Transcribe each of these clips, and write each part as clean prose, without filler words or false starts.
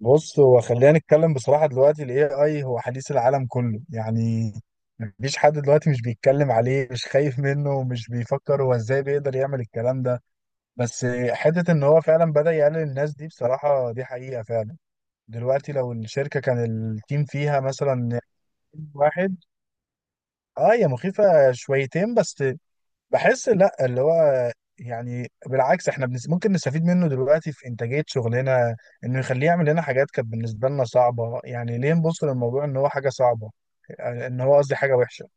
بص، هو خلينا نتكلم بصراحة. دلوقتي ال AI هو حديث العالم كله يعني. مفيش حد دلوقتي مش بيتكلم عليه، مش خايف منه، ومش بيفكر هو ازاي بيقدر يعمل الكلام ده. بس حتة ان هو فعلا بدأ يقلل الناس دي، بصراحة دي حقيقة فعلا. دلوقتي لو الشركة كان التيم فيها مثلا واحد. اه، هي مخيفة شويتين بس. بحس لا، اللي هو يعني بالعكس، احنا ممكن نستفيد منه دلوقتي في انتاجية شغلنا، انه يخليه يعمل لنا حاجات كانت بالنسبة لنا صعبة. يعني ليه نبص للموضوع ان هو حاجة صعبة، ان هو قصدي حاجة وحشة.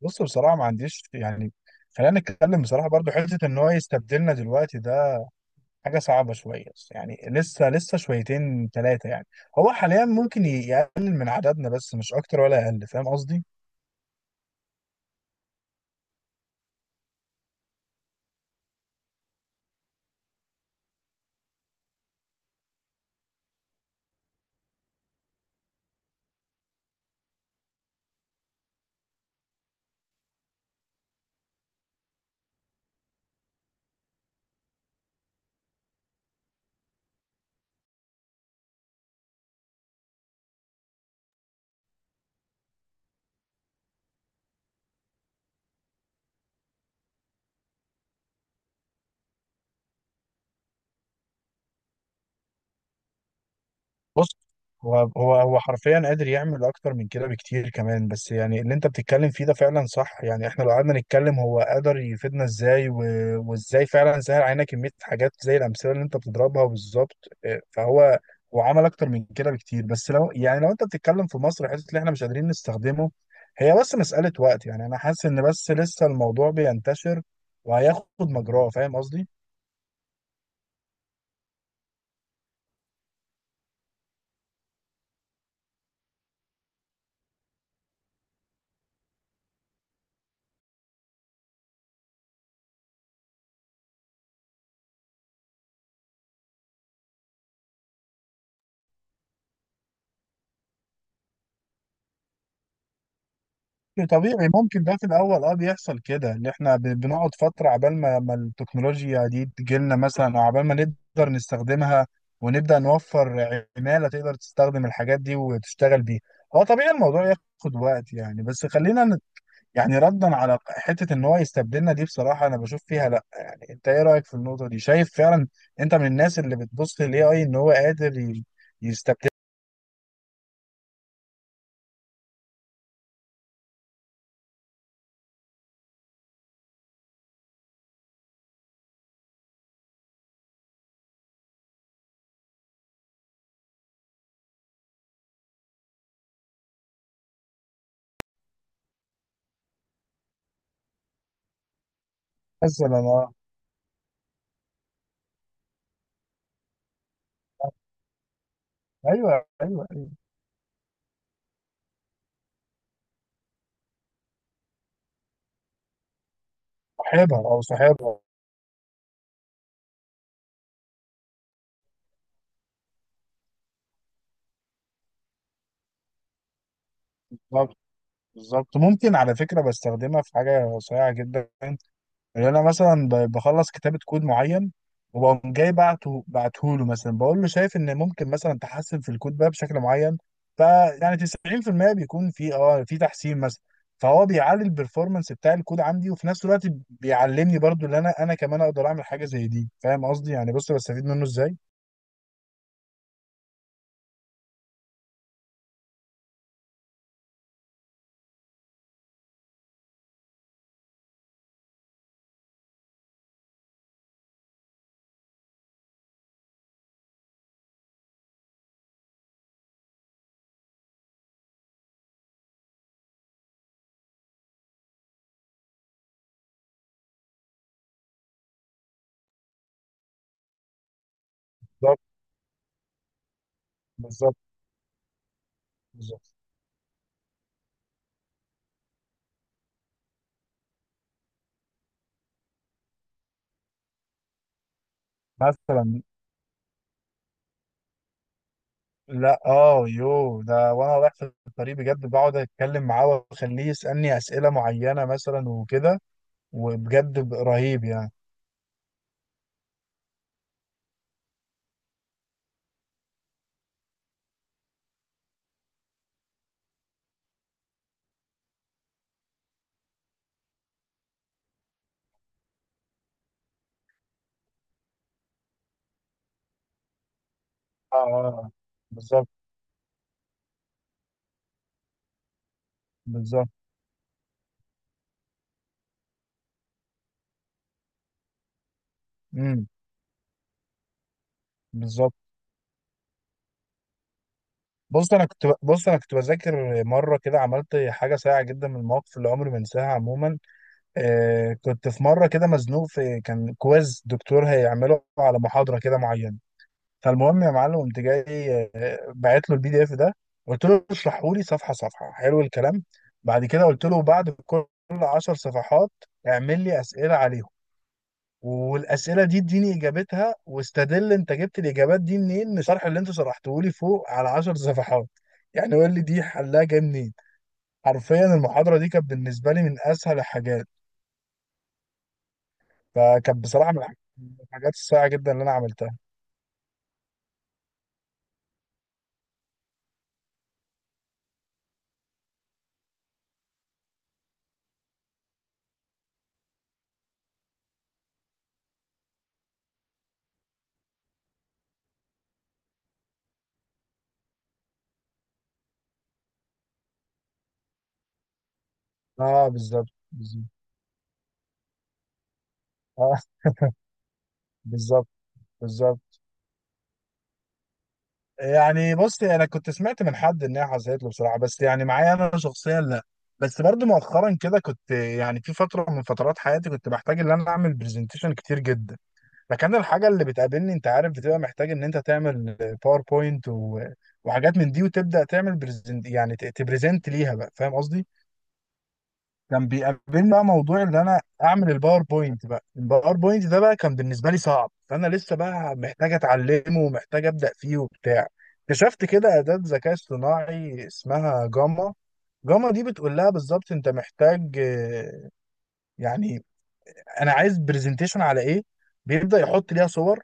بص، بصراحة ما عنديش يعني. خلينا نتكلم بصراحة برضو. حتة ان هو يستبدلنا دلوقتي ده حاجة صعبة شوية يعني. لسه شويتين ثلاثة يعني. هو حاليا ممكن يقلل من عددنا، بس مش اكتر ولا اقل. فاهم قصدي؟ بص، هو حرفيا قادر يعمل اكتر من كده بكتير كمان، بس يعني اللي انت بتتكلم فيه ده فعلا صح. يعني احنا لو قعدنا نتكلم هو قادر يفيدنا ازاي وازاي فعلا سهل علينا كمية حاجات زي الامثلة اللي انت بتضربها بالظبط. إيه، فهو عمل اكتر من كده بكتير. بس لو يعني لو انت بتتكلم في مصر، حته اللي احنا مش قادرين نستخدمه هي بس مسألة وقت يعني. انا حاسس ان بس لسه الموضوع بينتشر وهياخد مجراه. فاهم قصدي؟ طبيعي ممكن ده في الاول اه بيحصل كده، ان احنا بنقعد فتره عبال ما التكنولوجيا دي تجيلنا مثلا، او عبال ما نقدر نستخدمها ونبدا نوفر عماله تقدر تستخدم الحاجات دي وتشتغل بيها. هو طبيعي الموضوع ياخد وقت يعني. بس خلينا يعني، ردا على حته ان هو يستبدلنا دي، بصراحه انا بشوف فيها لا. يعني انت ايه رايك في النقطه دي؟ شايف فعلا انت من الناس اللي بتبص للاي اي ان هو قادر يستبدل؟ مثلا اه. ايوه، ايوه، ايوه. صاحبها او صاحبها. بالظبط. بالظبط، ممكن على فكرة بستخدمها في حاجة صريعة جدا. اللي أنا مثلا بخلص كتابة كود معين، وبقوم جاي بعته له مثلا، بقول له شايف إن ممكن مثلا تحسن في الكود ده بشكل معين. فيعني 90% بيكون في تحسين مثلا. فهو بيعلي البرفورمانس بتاع الكود عندي، وفي نفس الوقت بيعلمني برضو، اللي أنا كمان أقدر أعمل حاجة زي دي. فاهم قصدي؟ يعني بص، بستفيد منه إزاي. بالظبط. بالظبط. بالظبط. مثلا لا اه يو ده، وانا رايح في الطريق بجد بقعد اتكلم معاه واخليه يسالني اسئله معينه مثلا وكده. وبجد رهيب يعني. اه، اه، بالظبط، بالظبط. امم، بالظبط. بص، انا كنت بذاكر مره كده، عملت حاجه سيئه جدا من المواقف اللي عمري ما انساها. عموما، كنت في مره كده مزنوق، في كان كويز دكتور هيعمله على محاضره كده معينه. فالمهم يا معلم، قمت جاي بعت له البي دي اف ده، قلت له اشرحه لي صفحه صفحه. حلو الكلام، بعد كده قلت له بعد كل 10 صفحات اعمل لي اسئله عليهم، والاسئله دي اديني اجابتها، واستدل انت جبت الاجابات دي منين من الشرح اللي انت شرحته لي فوق على 10 صفحات، يعني قول لي دي حلها جاي منين. حرفيا المحاضره دي كانت بالنسبه لي من اسهل الحاجات. فكانت بصراحه من الحاجات الصايعه جدا اللي انا عملتها. اه، بالظبط، بالظبط. اه، بالظبط، بالظبط. يعني بص، انا كنت سمعت من حد انها حصلت له بصراحه، بس يعني معايا انا شخصيا لا. بس برضو مؤخرا كده كنت يعني في فتره من فترات حياتي كنت بحتاج ان انا اعمل برزنتيشن كتير جدا. فكان الحاجه اللي بتقابلني، انت عارف، بتبقى محتاج ان انت تعمل باوربوينت وحاجات من دي، وتبدا تعمل برزنت يعني تبرزنت ليها بقى. فاهم قصدي؟ كان بيقابلني بقى موضوع ان انا اعمل الباوربوينت بقى. الباوربوينت ده بقى كان بالنسبه لي صعب، فانا لسه بقى محتاج اتعلمه ومحتاج ابدا فيه وبتاع. اكتشفت كده اداه ذكاء اصطناعي اسمها جاما. جاما دي بتقول لها بالظبط انت محتاج، يعني انا عايز برزنتيشن على ايه. بيبدا يحط ليها صور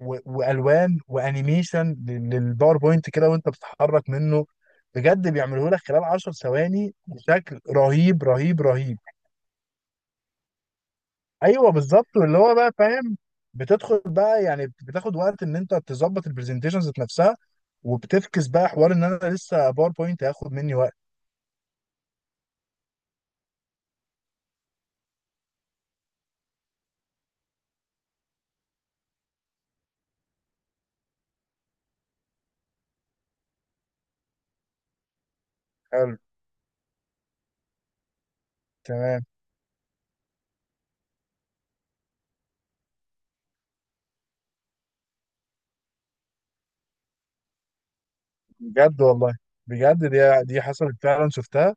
والوان وانيميشن للباوربوينت كده، وانت بتتحرك منه. بجد بيعمله لك خلال 10 ثواني بشكل رهيب رهيب رهيب. ايوه، بالظبط. واللي هو بقى فاهم، بتدخل بقى يعني بتاخد وقت ان انت تظبط البرزنتيشن ذات نفسها، وبتفكس بقى حوار ان انا لسه باوربوينت هياخد مني وقت. حلو، تمام. بجد والله، بجد دي حصلت فعلا، شفتها.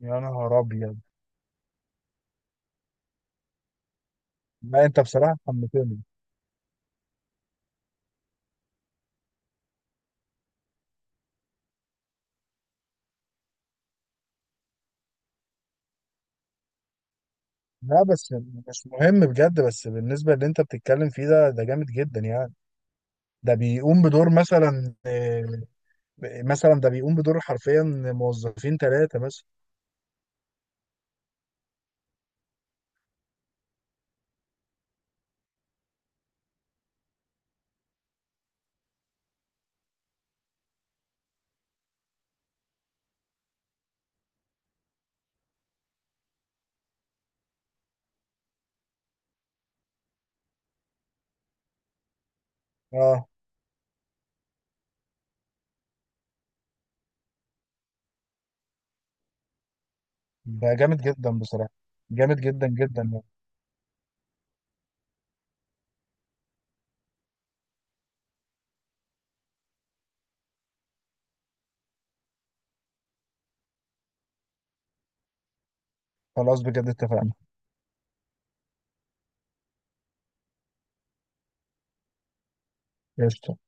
يا نهار ابيض. لا، انت بصراحه حمستني. لا بس مش مهم بجد. بس بالنسبه اللي انت بتتكلم فيه ده جامد جدا يعني. ده بيقوم بدور مثلا، مثلا ده بيقوم بدور حرفيا موظفين 3 مثلا. اه، ده جامد جدا بصراحة. جامد جدا جدا. خلاص، بجد اتفقنا. قشطة.